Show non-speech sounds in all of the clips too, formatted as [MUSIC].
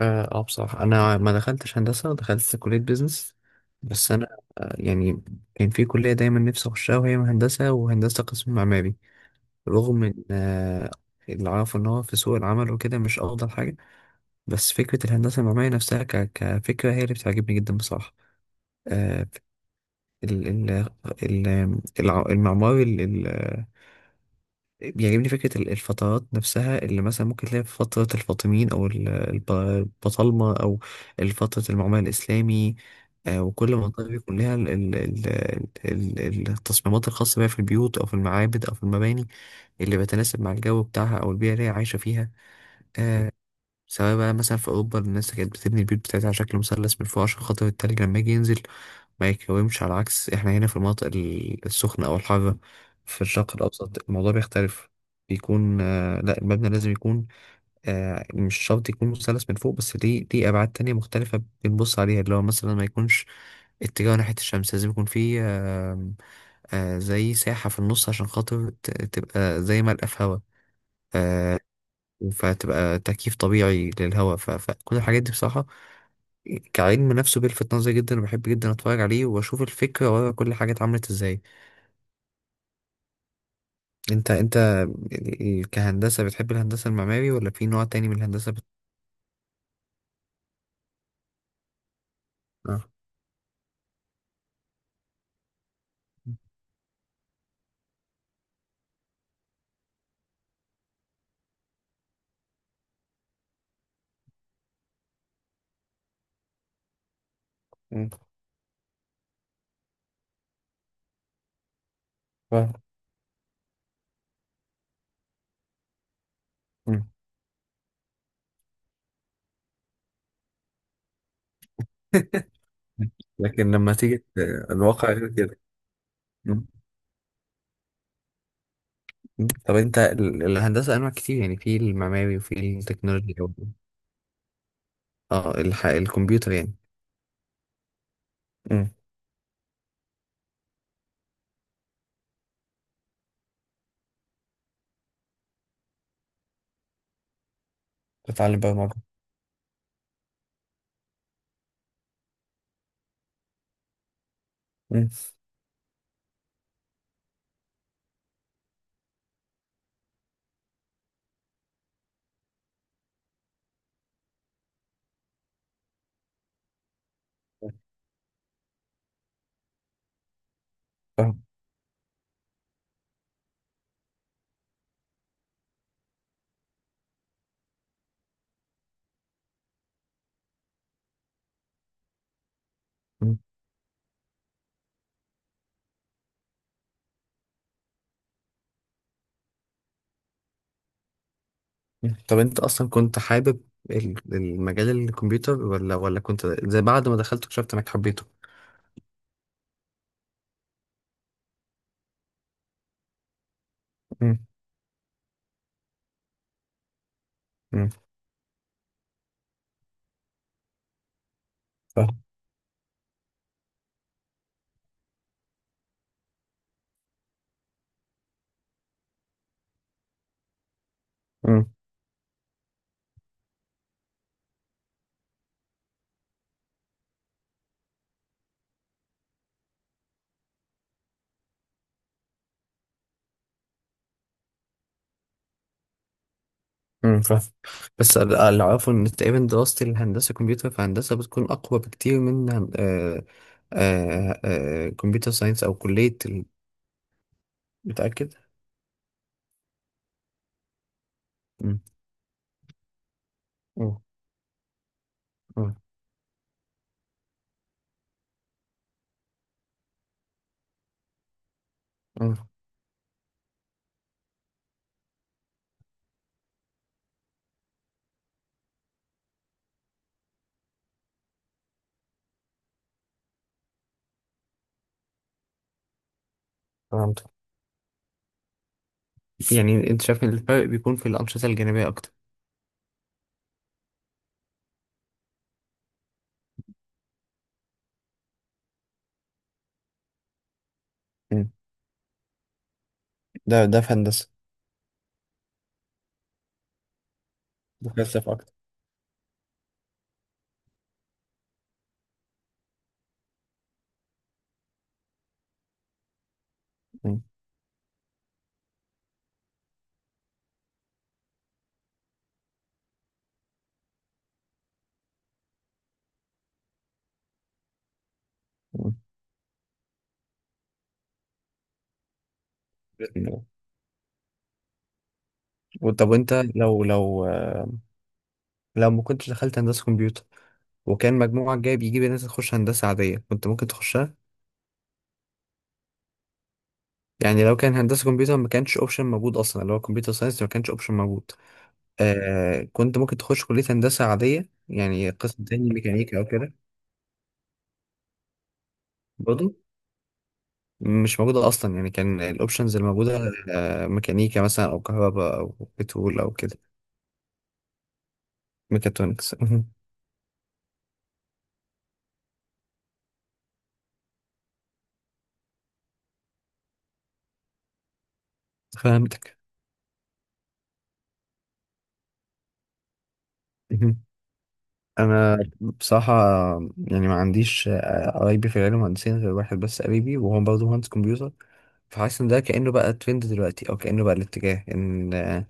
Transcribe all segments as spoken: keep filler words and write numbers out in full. اه، آه، بصراحة أنا ما دخلتش هندسة، دخلت كلية بيزنس. بس أنا آه، يعني كان في كلية دايما نفسي أخشها، وهي هندسة وهندسة قسم معماري. رغم إن آه، اللي أعرفه إن هو في سوق العمل وكده مش أفضل حاجة، بس فكرة الهندسة المعمارية نفسها ك- كفكرة هي اللي بتعجبني جدا بصراحة. آه، ال- ال- ال- الع- المعماري بيعجبني. فكرة ال- الفترات نفسها اللي مثلا ممكن تلاقي في فترة الفاطميين أو ال- الب- البطالمة أو فترة المعمل الإسلامي. آه، وكل منطقة بيكون لها ال- ال- ال- ال- ال- التصميمات الخاصة بيها في البيوت أو في المعابد أو في المباني اللي بتناسب مع الجو بتاعها أو البيئة اللي هي عايشة فيها. آه، سواء بقى مثلا في أوروبا الناس كانت بتبني البيوت بتاعتها على شكل مثلث من فوق عشان خاطر التلج لما يجي ينزل ما يتكومش، على عكس احنا هنا في المناطق ال- السخنة أو الحارة. في الشرق الأوسط الموضوع بيختلف، بيكون آه لا، المبنى لازم يكون آه مش شرط يكون مثلث من فوق، بس ليه ليه أبعاد تانية مختلفة بنبص عليها، اللي هو مثلا ما يكونش اتجاه ناحية الشمس، لازم يكون فيه آه آه زي ساحة في النص عشان خاطر ت- تبقى زي ملقى في هوا. آه، فتبقى تكييف طبيعي للهواء. ف... فكل الحاجات دي بصراحة كعلم نفسه بيلفت نظري جدا، وبحب جدا اتفرج عليه واشوف الفكرة ورا كل حاجة اتعملت ازاي. انت انت يعني كهندسة بتحب الهندسة المعماري، ولا في نوع تاني من الهندسة بت... اه. مم. فاهم. مم. [LAUGHS] لكن لما تيجي ت- الواقع غير كده. مم. مم. طب انت ال- الهندسة انواع كتير، يعني في المعماري وفي التكنولوجيا و- اه، الح... الكمبيوتر يعني. مم. تتعلم برمجة. مم. فاهم. طب انت اصلا كنت حابب ال- المجال الكمبيوتر، ولا ولا كنت زي بعد ما دخلت اكتشفت انك حبيته؟ امم. امم. فاهم. امم. امم. فاهم. بس ال- اللي اعرفه ان تقريبا دراسة الهندسة كمبيوتر، فهندسة بتكون اقوى بكتير من هن- آه آه آه كمبيوتر ساينس او كلية ال- متأكد؟ امم. امم. امم. امم. فهمت. يعني انت شايف ان الفرق بيكون في الأنشطة الجانبية اكتر؟ امم. ده ده في هندسة. ده فلسفة اكتر. امم. امم. طب وانت لو لو لو ما كنتش دخلت هندسة كمبيوتر، وكان مجموعك جايب يجيب الناس تخش هندسة عادية، كنت ممكن تخشها؟ يعني لو كان هندسة كمبيوتر ما كانش اوبشن موجود اصلا، اللي هو كمبيوتر ساينس ما كانش اوبشن موجود، آه كنت ممكن تخش كلية هندسة عادية يعني قسم تاني، ميكانيكا او كده. برضه. مش موجودة اصلا يعني، كان الاوبشنز الموجودة آه ميكانيكا مثلا او كهرباء او بترول او كده. ميكاترونكس. [LAUGHS] فهمتك. [LAUGHS] انا بصراحه يعني ما عنديش آه، قرايبي في العلم مهندسين غير واحد بس قريبي، وهو برضه مهندس كمبيوتر. فحاسس ان ده كانه بقى ترند دلوقتي، او كانه بقى الاتجاه ان اه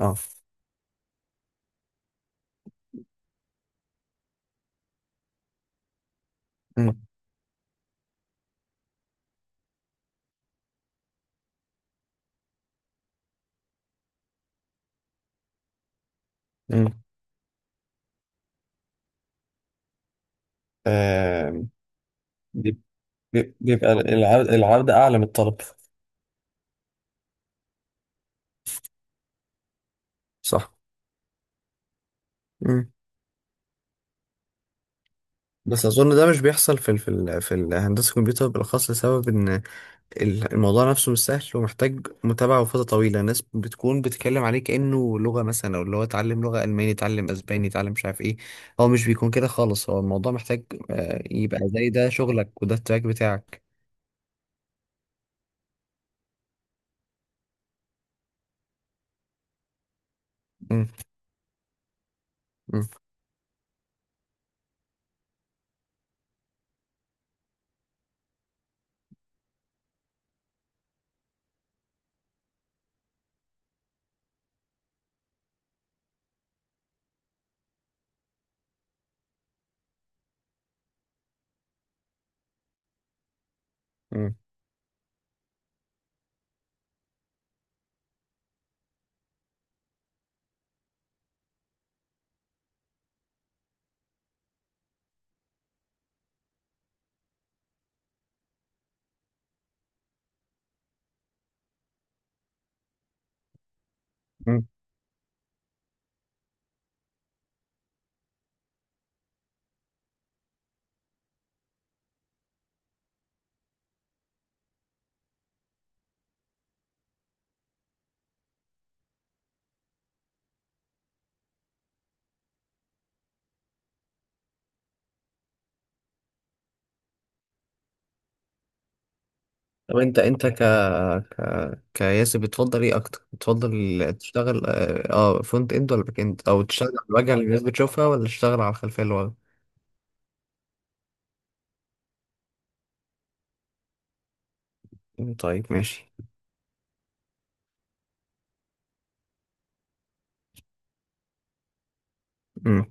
آه. مم. مم. آه بيب- بيب- بيبقى العرض العرض أعلى من الطلب. صح. مم. بس اظن ده مش بيحصل في ال- في ال- في الهندسه الكمبيوتر بالاخص، لسبب ان ال- الموضوع نفسه مش سهل ومحتاج متابعة وفترة طويلة. الناس بتكون بتتكلم عليه كأنه لغة مثلا، أو اللي هو اتعلم لغة ألماني، اتعلم أسباني، اتعلم مش عارف إيه. هو مش بيكون كده خالص، هو الموضوع محتاج آه، يبقى زي ده شغلك وده التراك بتاعك. مم. مم. مم. مم. طب أنت أنت ك ك كياسر بتفضل إيه أكتر؟ بتفضل تشتغل أه آه، فرونت إند ولا باك إند؟ أو تشتغل على الواجهة اللي الناس بتشوفها ولا تشتغل على الخلفية اللي ورا؟ مم، طيب ماشي. مم.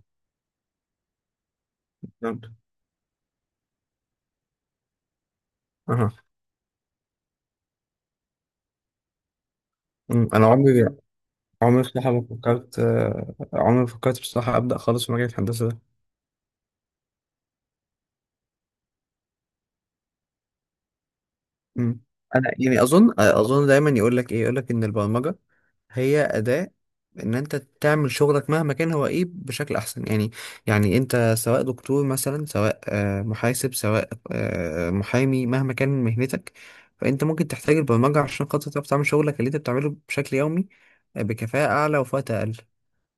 فهمت. أها. مم. أنا عمري عمري بصراحة ما فكرت، آه، عمري ما فكرت بصراحة أبدأ خالص في مجال الهندسة ده. مم. انا يعني اظن اظن دايما يقول لك ايه، يقول لك ان البرمجه هي اداه ان انت تعمل شغلك مهما كان هو ايه بشكل احسن، يعني. يعني انت سواء دكتور مثلا، سواء آه، محاسب، سواء آه، محامي، مهما كان مهنتك، فانت ممكن تحتاج البرمجه عشان خاطر تعرف تعمل شغلك اللي انت بتعمله بشكل يومي آه، بكفاءه اعلى وفي وقت اقل.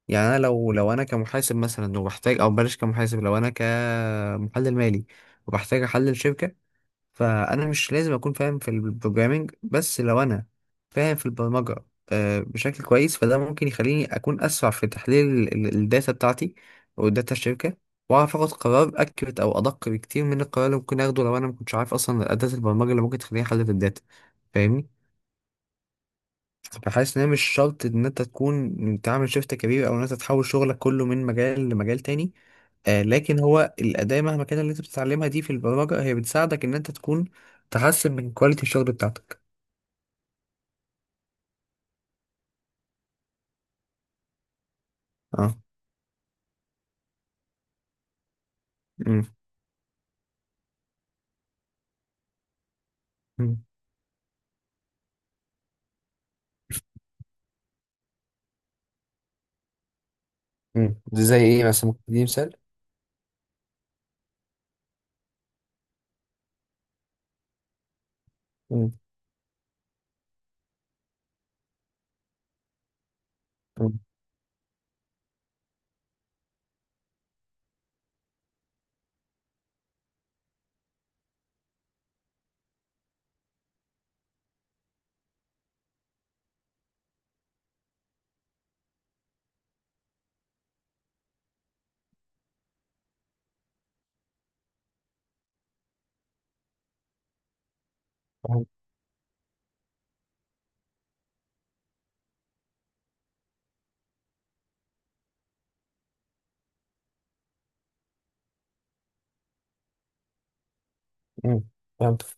يعني انا لو لو انا كمحاسب مثلا وبحتاج، او بلاش كمحاسب، لو انا كمحلل مالي وبحتاج احلل شركه، فانا مش لازم اكون فاهم في البروجرامينج، بس لو انا فاهم في البرمجه آه، بشكل كويس، فده ممكن يخليني اكون اسرع في تحليل ال- ال- الداتا بتاعتي او داتا الشركه، واعرف اخد قرار اكيوريت او ادق بكتير من القرار اللي ممكن اخده لو انا ما كنتش عارف اصلا اداه البرمجه اللي ممكن تخليني احلل الداتا، فاهمني؟ فحاسس ان هي مش شرط ان انت تكون تعمل شيفت كبير، او ان انت تحول شغلك كله من مجال لمجال تاني. آه لكن هو الاداة مهما كان اللي انت بتتعلمها دي في البرمجة، هي بتساعدك ان انت تكون تحسن من كواليتي الشغل بتاعتك. اه. امم. امم. مم. دي زي ايه مثلا؟ ممكن تديني مثال. امم. أمم. فهمت. مم. فهمت.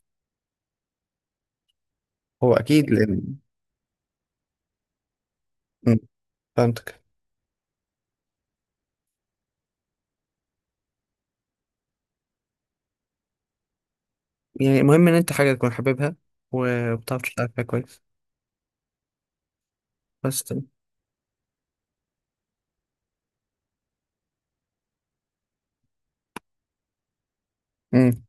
هو اكيد لان. أمم. فهمتك. يعني المهم ان انت حاجة تكون حاببها وبتعرف تشتغل فيها كويس بس. امم.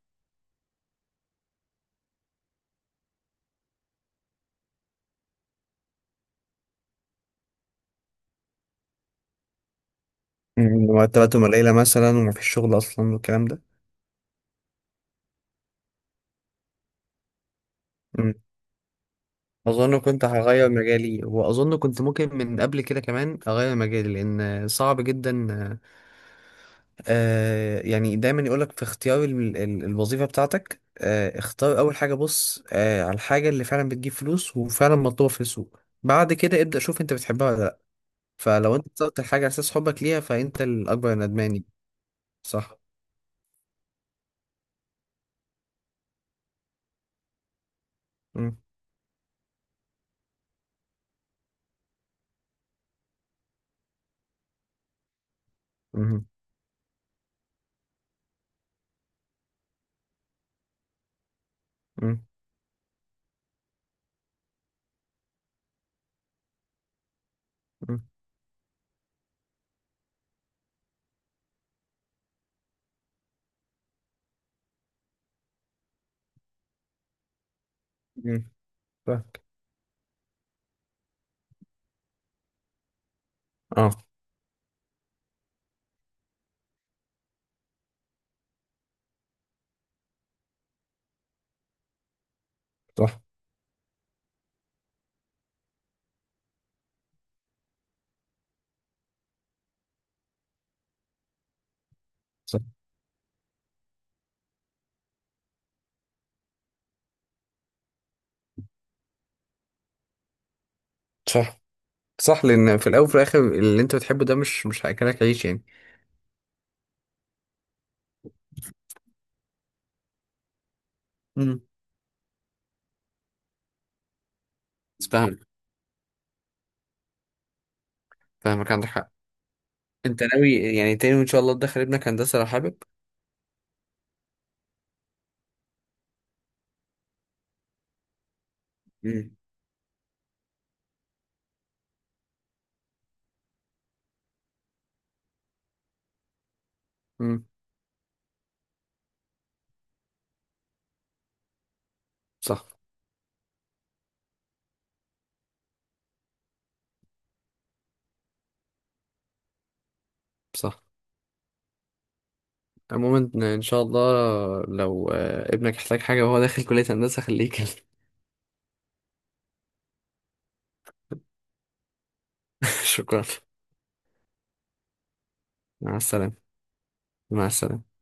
أمم. مرتباتهم قليلة مثلا، ومفيش شغل اصلا، والكلام ده. اظن كنت هغير مجالي، واظن كنت ممكن من قبل كده كمان اغير مجالي لان صعب جدا. آه يعني دايما يقولك في اختيار ال- ال- الوظيفة بتاعتك، آه اختار اول حاجة، بص آه على الحاجة اللي فعلا بتجيب فلوس وفعلا مطلوبة في السوق، بعد كده ابدأ شوف انت بتحبها ولا لا. فلو انت اخترت الحاجة على اساس حبك ليها فانت الاكبر ندمان. صح. مم. مم. مم. مم. مم. صح. اه. صح. صح. صح. صح، لان في الاول وفي الاخر اللي انت بتحبه ده مش مش هياكلك عيش، يعني. امم. بس فاهمك. فاهمك، عندك حق. انت ناوي يعني تاني ان شاء الله تدخل ابنك هندسه لو حابب؟ امم. امم. صح. صح. عموما ان إن شاء الله لو آه، ابنك احتاج حاجه وهو داخل كليه هندسه خليه يكلم. [LAUGHS] شكرا. مع السلامه. مع السلامه.